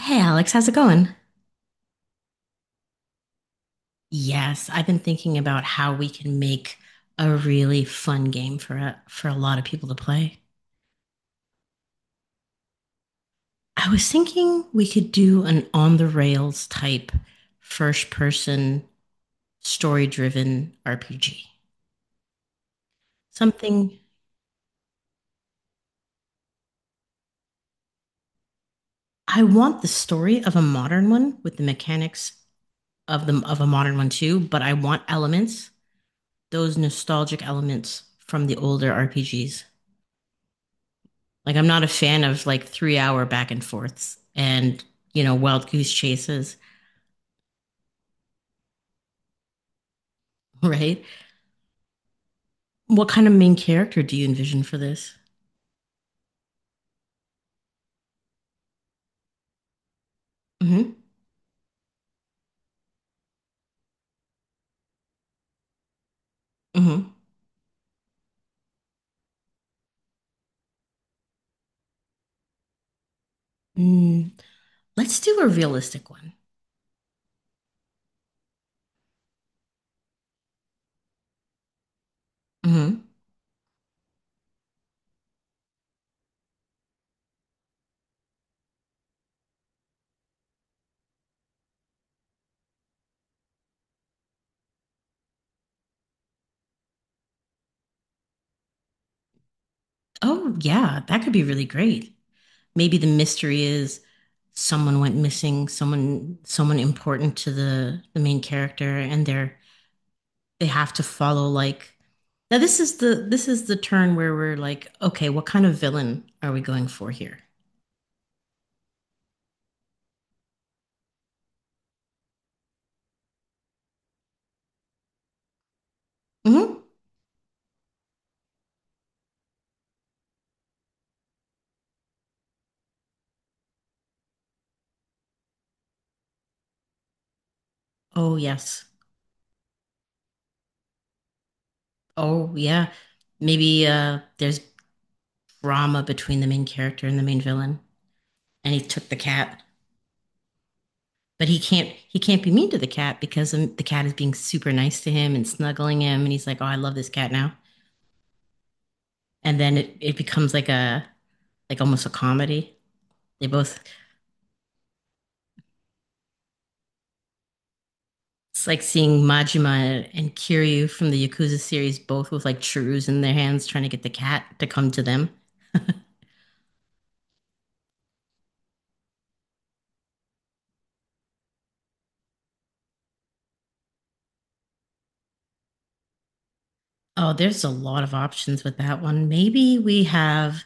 Hey, Alex, how's it going? Yes, I've been thinking about how we can make a really fun game for for a lot of people to play. I was thinking we could do an on the rails type first person story driven RPG. Something I want the story of a modern one with the mechanics of the of a modern one too, but I want elements, those nostalgic elements from the older RPGs. Like I'm not a fan of like 3 hour back and forths and wild goose chases. Right? What kind of main character do you envision for this? Mm-hmm. Mm-hmm. Mm, let's do a realistic one. Mm-hmm. Oh yeah, that could be really great. Maybe the mystery is someone went missing, someone important to the main character, and they have to follow like now this is the turn where we're like, okay, what kind of villain are we going for here? Hmm. Oh, yes. Oh, yeah. Maybe there's drama between the main character and the main villain, and he took the cat. But he can't be mean to the cat because the cat is being super nice to him and snuggling him, and he's like, "Oh, I love this cat now." And then it becomes like a like almost a comedy. They both It's like seeing Majima and Kiryu from the Yakuza series both with like churus in their hands trying to get the cat to come to them. Oh, there's a lot of options with that one. Maybe we have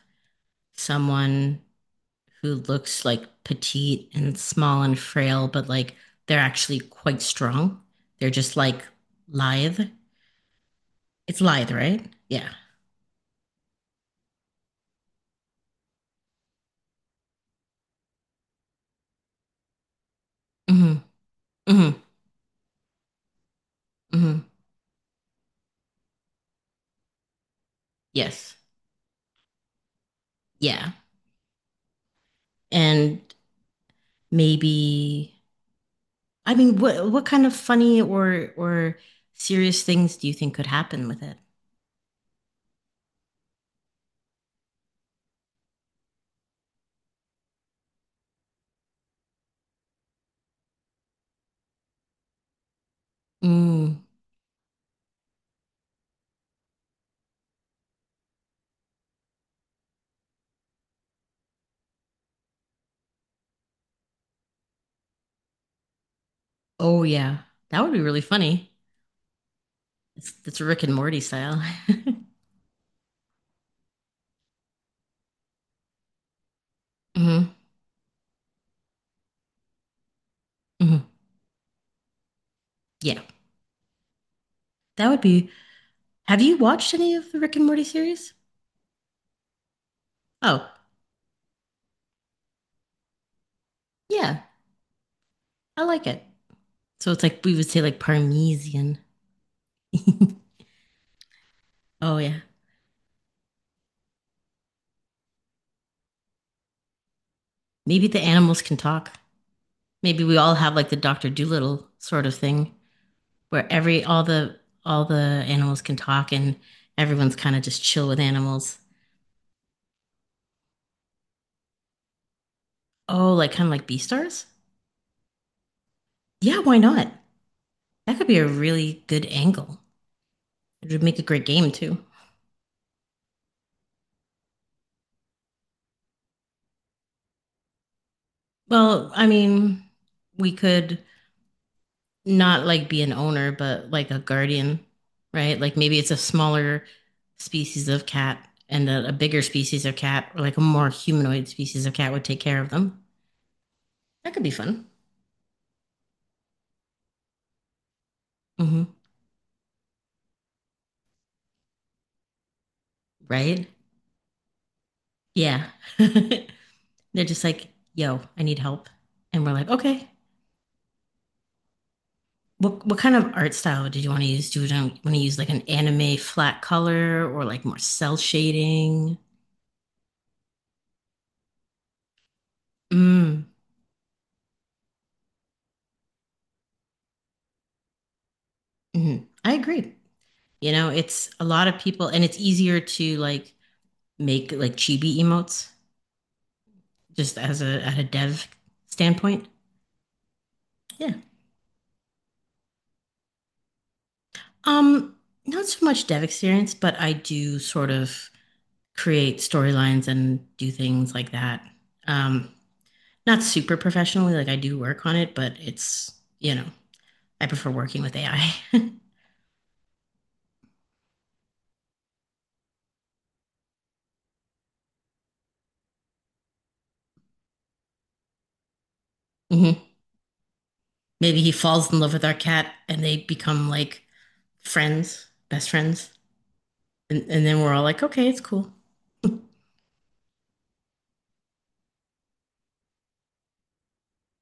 someone who looks like petite and small and frail, but like they're actually quite strong. They're just like lithe. It's lithe, right? Yeah. Hmm hmm hmm. Yes. Yeah. And maybe I mean, what kind of funny or serious things do you think could happen with it? Mm. Oh yeah, that would be really funny. It's Rick and Morty style. Hmm hmm. Yeah, that would be Have you watched any of the Rick and Morty series? Oh, yeah, I like it. So it's like we would say like Parmesan. Oh yeah, maybe the animals can talk. Maybe we all have like the Doctor Doolittle sort of thing, where every all the all the animals can talk and everyone's kind of just chill with animals. Oh, like kind of like Beastars? Yeah, why not? That could be a really good angle. It would make a great game too. Well, I mean, we could not like be an owner, but like a guardian, right? Like maybe it's a smaller species of cat and a bigger species of cat, or like a more humanoid species of cat would take care of them. That could be fun. Hmm. Right? Yeah. They're just like, yo, I need help. And we're like, okay. What kind of art style did you want to use? Do you want to use like an anime flat color or like more cell shading? Mm, mhm. I agree. You know, it's a lot of people, and it's easier to like make like chibi emotes just as a at a dev standpoint. Yeah. Um, Not so much dev experience, but I do sort of create storylines and do things like that. Um, Not super professionally, like I do work on it, but it's you know, I prefer working with AI. Hmm. Maybe he falls in love with our cat and they become like friends, best friends. And then we're all like, okay, it's cool.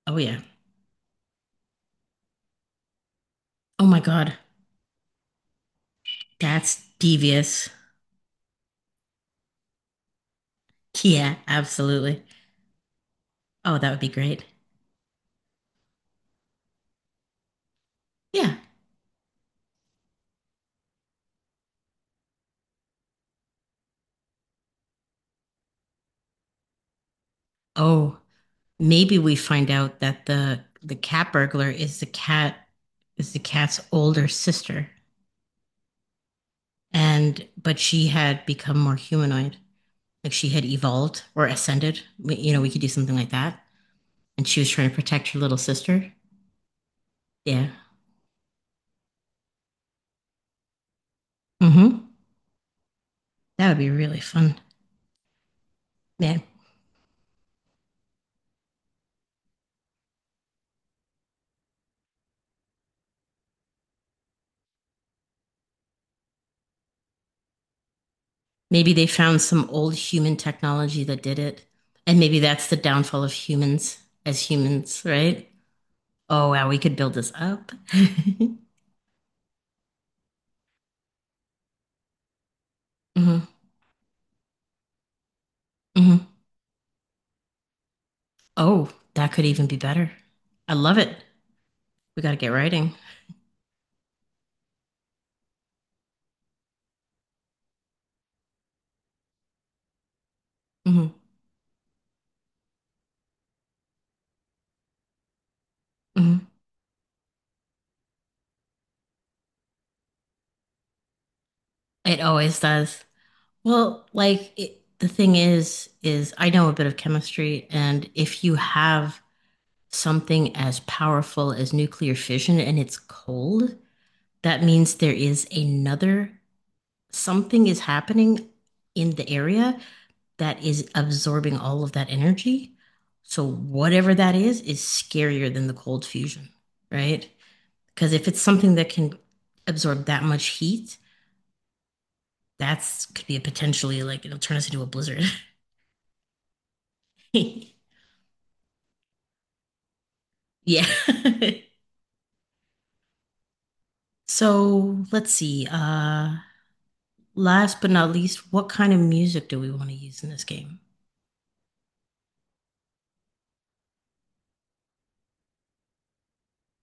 Oh, yeah. Oh my God. That's devious. Yeah, absolutely. Oh, that would be great. Yeah. Oh, maybe we find out that the cat burglar is the cat's older sister. And but she had become more humanoid. Like she had evolved or ascended. You know, we could do something like that. And she was trying to protect her little sister. Yeah. Mm-hmm. That would be really fun. Man, maybe they found some old human technology that did it. And maybe that's the downfall of humans as humans, right? Oh, wow, we could build this up. Hmm hmm. Oh, that could even be better. I love it. We got to get writing. Hmm hmm. It always does. Well, the thing is I know a bit of chemistry, and if you have something as powerful as nuclear fission and it's cold, that means there is another something is happening in the area that is absorbing all of that energy. So whatever that is scarier than the cold fusion, right? Because if it's something that can absorb that much heat, that's could be a potentially like it'll turn us into a blizzard. Yeah. So let's see. Last but not least, what kind of music do we want to use in this game?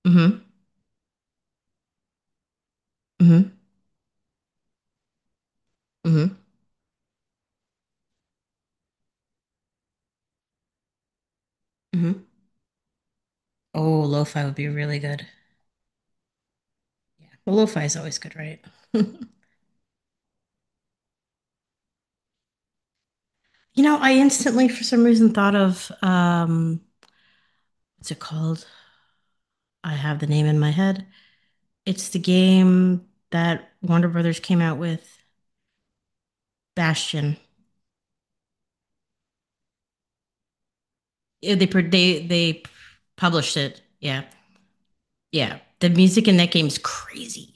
Mm-hmm. Mm-hmm. Mm-hmm. Mm-hmm. Oh, lo-fi would be really good. Yeah. Well, lo-fi is always good, right? You know, I instantly, for some reason, thought of what's it called? I have the name in my head. It's the game that Warner Brothers came out with, Bastion. Yeah, They pr- they published it. Yeah, yeah. The music in that game is crazy.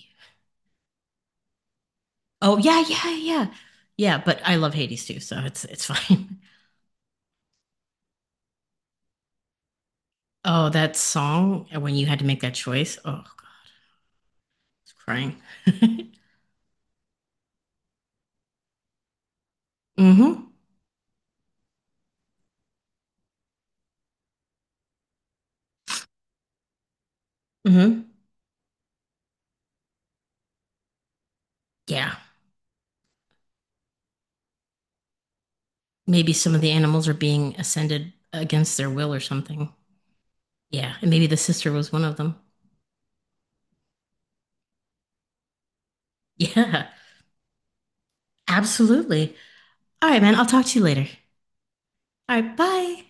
Oh yeah, yeah, yeah, yeah. But I love Hades too, so it's fine. Oh, that song when you had to make that choice. Oh, God, I was crying. Mm-hmm. Mm-hmm. Yeah. Maybe some of the animals are being ascended against their will or something. Yeah, and maybe the sister was one of them. Yeah, absolutely. All right, man, I'll talk to you later. All right, bye.